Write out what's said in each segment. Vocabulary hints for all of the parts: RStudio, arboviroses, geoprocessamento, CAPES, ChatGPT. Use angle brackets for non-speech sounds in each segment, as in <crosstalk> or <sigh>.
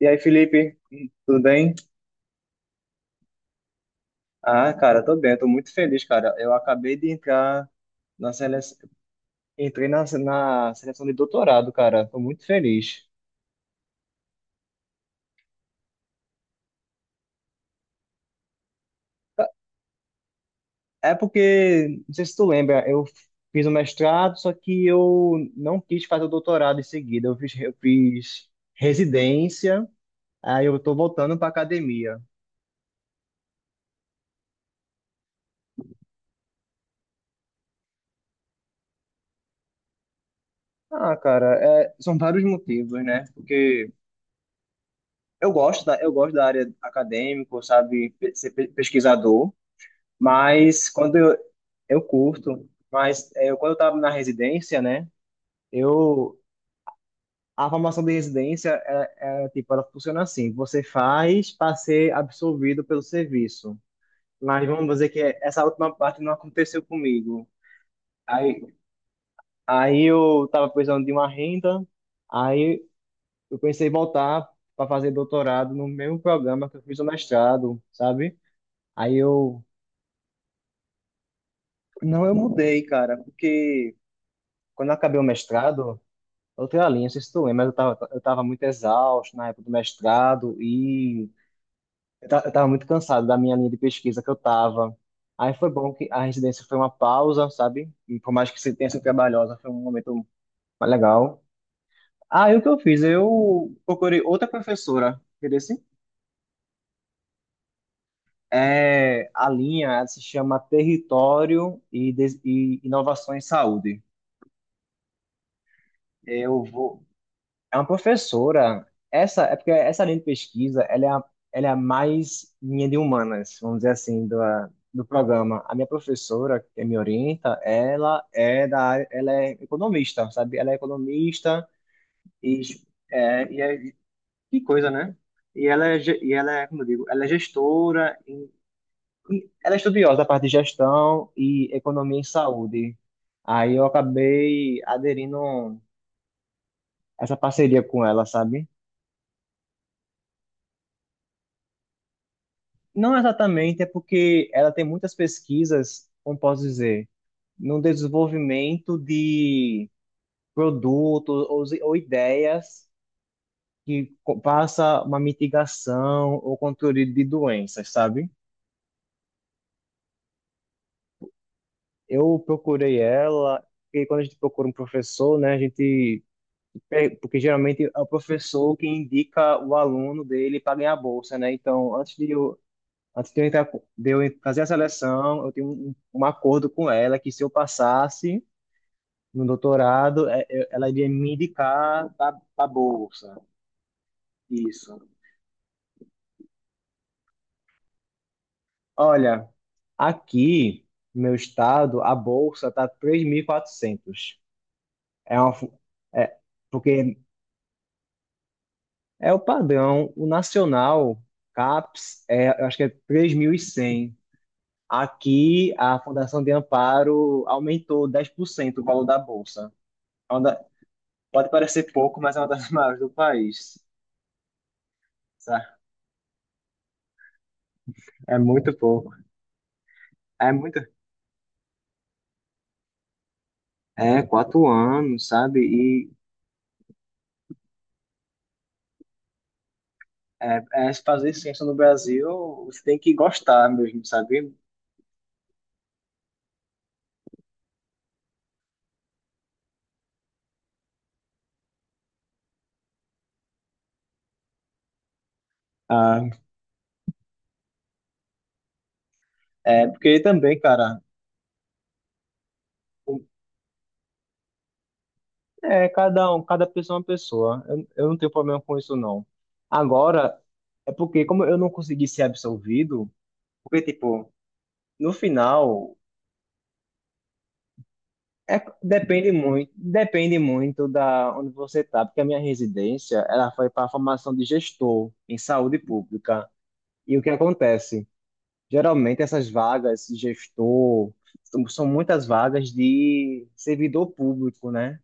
E aí, Felipe, tudo bem? Ah, cara, tô bem, tô muito feliz, cara. Eu acabei de entrar na seleção, entrei na seleção de doutorado, cara. Tô muito feliz. É porque, não sei se tu lembra, eu fiz o mestrado, só que eu não quis fazer o doutorado em seguida. Eu fiz residência, aí eu tô voltando pra academia. Ah, cara, é, são vários motivos, né? Porque eu gosto da área acadêmica, sabe, ser pesquisador. Mas quando eu, eu curto, mas é, quando eu estava na residência, né? Eu A formação de residência é, tipo, ela funciona assim: você faz para ser absorvido pelo serviço. Mas vamos dizer que essa última parte não aconteceu comigo. Aí, aí eu estava precisando de uma renda, aí eu pensei em voltar para fazer doutorado no mesmo programa que eu fiz o mestrado, sabe? Aí eu não, eu mudei, cara, porque quando eu acabei o mestrado. Eu tenho a linha, não sei se tu lembra, mas eu tava muito exausto na época do mestrado e eu tava muito cansado da minha linha de pesquisa que eu tava. Aí foi bom que a residência foi uma pausa, sabe? E por mais que se tenha sido trabalhosa, foi um momento mais legal. Aí o que eu fiz? Eu procurei outra professora, entendeu? Assim? É, a linha ela se chama Território e Inovações em Saúde. Eu vou, É uma professora. É porque essa linha de pesquisa, ela é a mais minha de humanas, vamos dizer assim, do programa. A minha professora, que me orienta, ela é da área, ela é economista, sabe? Ela é economista. E, é, e é- que coisa, né? E ela é, como eu digo, ela é gestora, e ela é estudiosa da parte de gestão e economia em saúde. Aí eu acabei aderindo a essa parceria com ela, sabe? Não exatamente, é porque ela tem muitas pesquisas, como posso dizer, no desenvolvimento de produtos ou ideias que passa uma mitigação ou controle de doenças, sabe? Eu procurei ela, porque quando a gente procura um professor, né, porque geralmente é o professor que indica o aluno dele para ganhar a bolsa, né? Então, antes de eu entrar, de eu fazer a seleção, eu tenho um acordo com ela que se eu passasse no doutorado, ela iria me indicar para a bolsa. Isso. Olha, aqui no meu estado, a bolsa está 3.400. É uma, fu- é, porque é o padrão, o nacional, CAPES, é, eu acho que é 3.100. Aqui, a Fundação de Amparo aumentou 10% o valor da bolsa. É uma da- Pode parecer pouco, mas é uma das <laughs> maiores do país. Sabe? É muito pouco. É muito. É, 4 anos, sabe? E é, se fazer ciência no Brasil, você tem que gostar mesmo, sabe? Ah, é, porque também, cara, é, cada pessoa é uma pessoa. Eu não tenho problema com isso, não. Agora, é porque como eu não consegui ser absolvido, porque, tipo, no final, é, depende muito da onde você tá, porque a minha residência, ela foi para a formação de gestor em saúde pública. E o que acontece? Geralmente essas vagas, gestor, são muitas vagas de servidor público, né?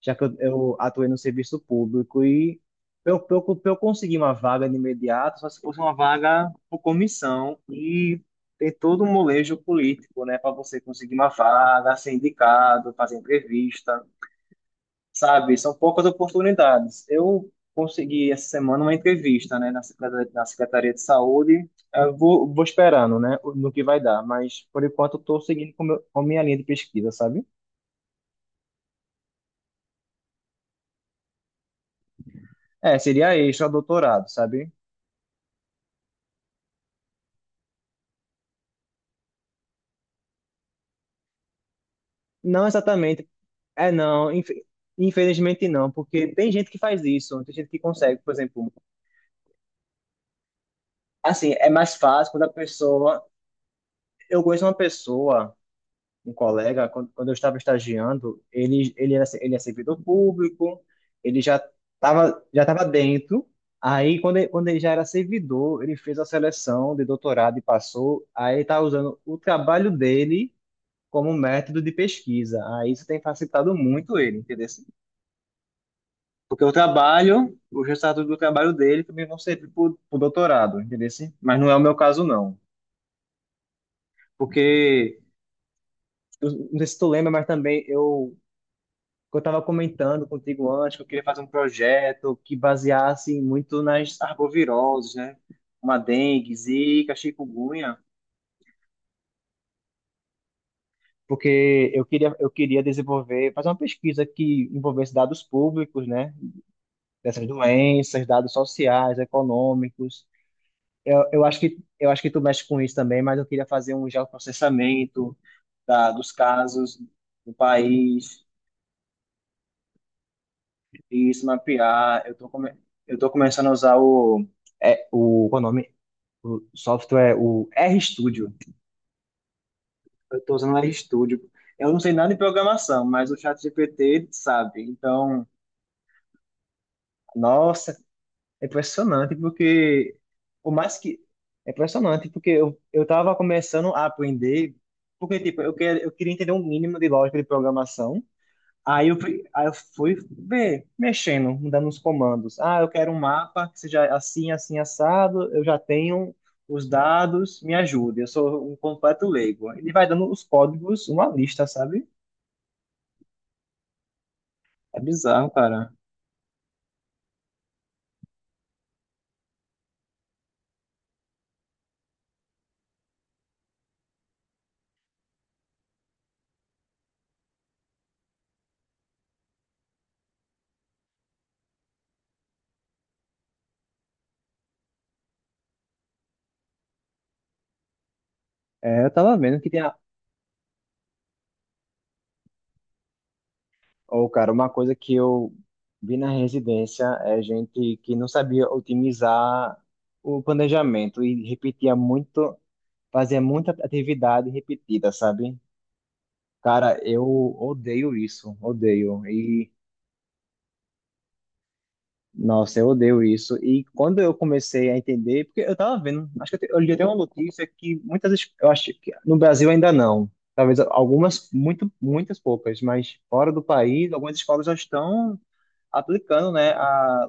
Já que eu atuei no serviço público e para eu, pra eu, pra eu conseguir uma vaga de imediato, só se fosse uma vaga por comissão e tem todo um molejo político, né? Para você conseguir uma vaga, ser indicado, fazer entrevista. Sabe, são poucas oportunidades. Eu consegui essa semana uma entrevista, né, na Secretaria de Saúde. Eu vou esperando, né, no que vai dar, mas por enquanto eu estou seguindo com minha linha de pesquisa, sabe? É, seria extra doutorado, sabe? Não exatamente. É, não, infelizmente não, porque tem gente que faz isso, tem gente que consegue, por exemplo. Assim, é mais fácil quando a pessoa. Eu conheço uma pessoa. Um colega, quando eu estava estagiando, ele é servidor público, ele já tava dentro. Aí, quando ele já era servidor, ele fez a seleção de doutorado e passou. Aí, ele está usando o trabalho dele como método de pesquisa. Aí, isso tem facilitado muito ele, entendeu? Porque o trabalho, os resultados do trabalho dele também vão servir para o doutorado, entendeu? Mas não é o meu caso, não. Porque, eu não sei se tu lembra, mas também eu que eu estava comentando contigo antes, que eu queria fazer um projeto que baseasse muito nas arboviroses, né? Uma dengue, zika, chikungunya, porque eu queria desenvolver, fazer uma pesquisa que envolvesse dados públicos, né? Dessas doenças, dados sociais, econômicos. Eu acho que tu mexe com isso também, mas eu queria fazer um geoprocessamento dos casos do país e isso mapear. Eu tô começando a usar o. Qual é o nome? O software, o RStudio. Eu estou usando o RStudio. Eu não sei nada de programação, mas o ChatGPT ele sabe. Então, nossa, é impressionante porque o mais que é impressionante porque eu estava começando a aprender, porque tipo eu queria entender um mínimo de lógica de programação. Aí eu fui ver, mexendo, mudando os comandos. Ah, eu quero um mapa que seja assim, assim, assado. Eu já tenho os dados, me ajude. Eu sou um completo leigo. Ele vai dando os códigos, uma lista, sabe? É bizarro, cara. É, eu tava vendo que tem a. Ô, cara, uma coisa que eu vi na residência é gente que não sabia otimizar o planejamento e repetia muito, fazia muita atividade repetida, sabe? Cara, eu odeio isso, odeio. E, nossa, eu odeio isso. E quando eu comecei a entender, porque eu tava vendo, acho que eu li até uma notícia que eu acho que no Brasil ainda não. Talvez algumas, muitas poucas, mas fora do país, algumas escolas já estão aplicando, né, a,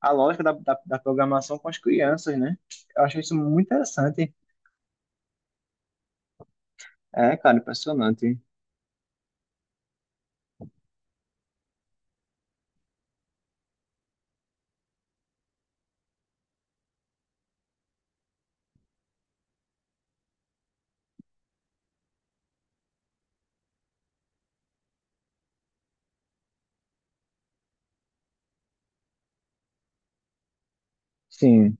a lógica da programação com as crianças, né? Eu acho isso muito interessante. É, cara, impressionante. Sim,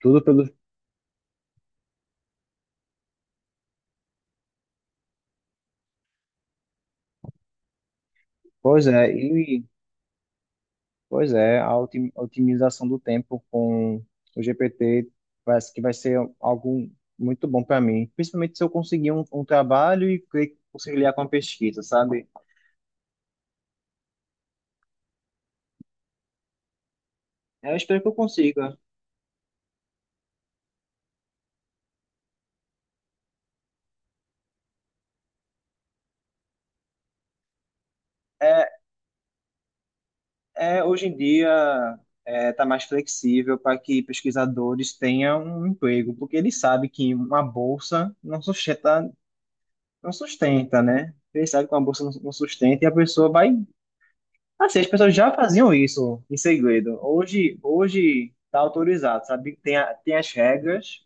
tudo pelo. Pois é, e. Pois é, a otimização do tempo com o GPT parece que vai ser algo muito bom para mim, principalmente se eu conseguir um trabalho e conciliar com a pesquisa, sabe? Eu espero que eu consiga. É, hoje em dia está mais flexível para que pesquisadores tenham um emprego, porque ele sabe que uma bolsa não sustenta, não sustenta, né? Ele sabe que uma bolsa não sustenta e a pessoa vai. Assim, as pessoas já faziam isso em segredo. Hoje tá autorizado, sabe? Tem as regras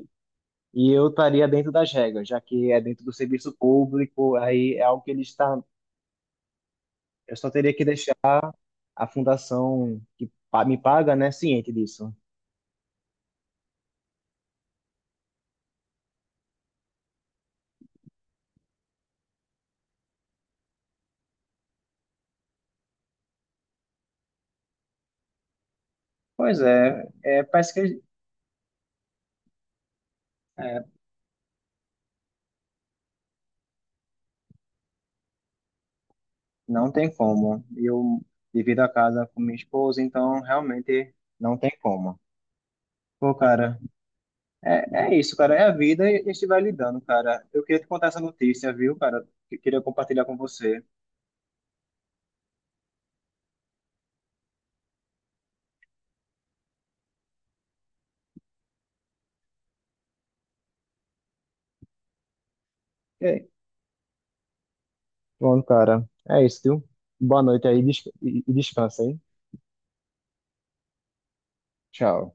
e eu estaria dentro das regras, já que é dentro do serviço público, aí é algo que ele está. Eu só teria que deixar a fundação que me paga, né, ciente disso. Pois é, parece que é, não tem como. Eu divido a casa com minha esposa, então realmente não tem como. Pô, cara. É, é isso, cara. É a vida e a gente vai lidando, cara. Eu queria te contar essa notícia, viu, cara? Que queria compartilhar com você. E aí? Pronto, cara. É isso, viu? Boa noite aí, e descansa, hein? Tchau.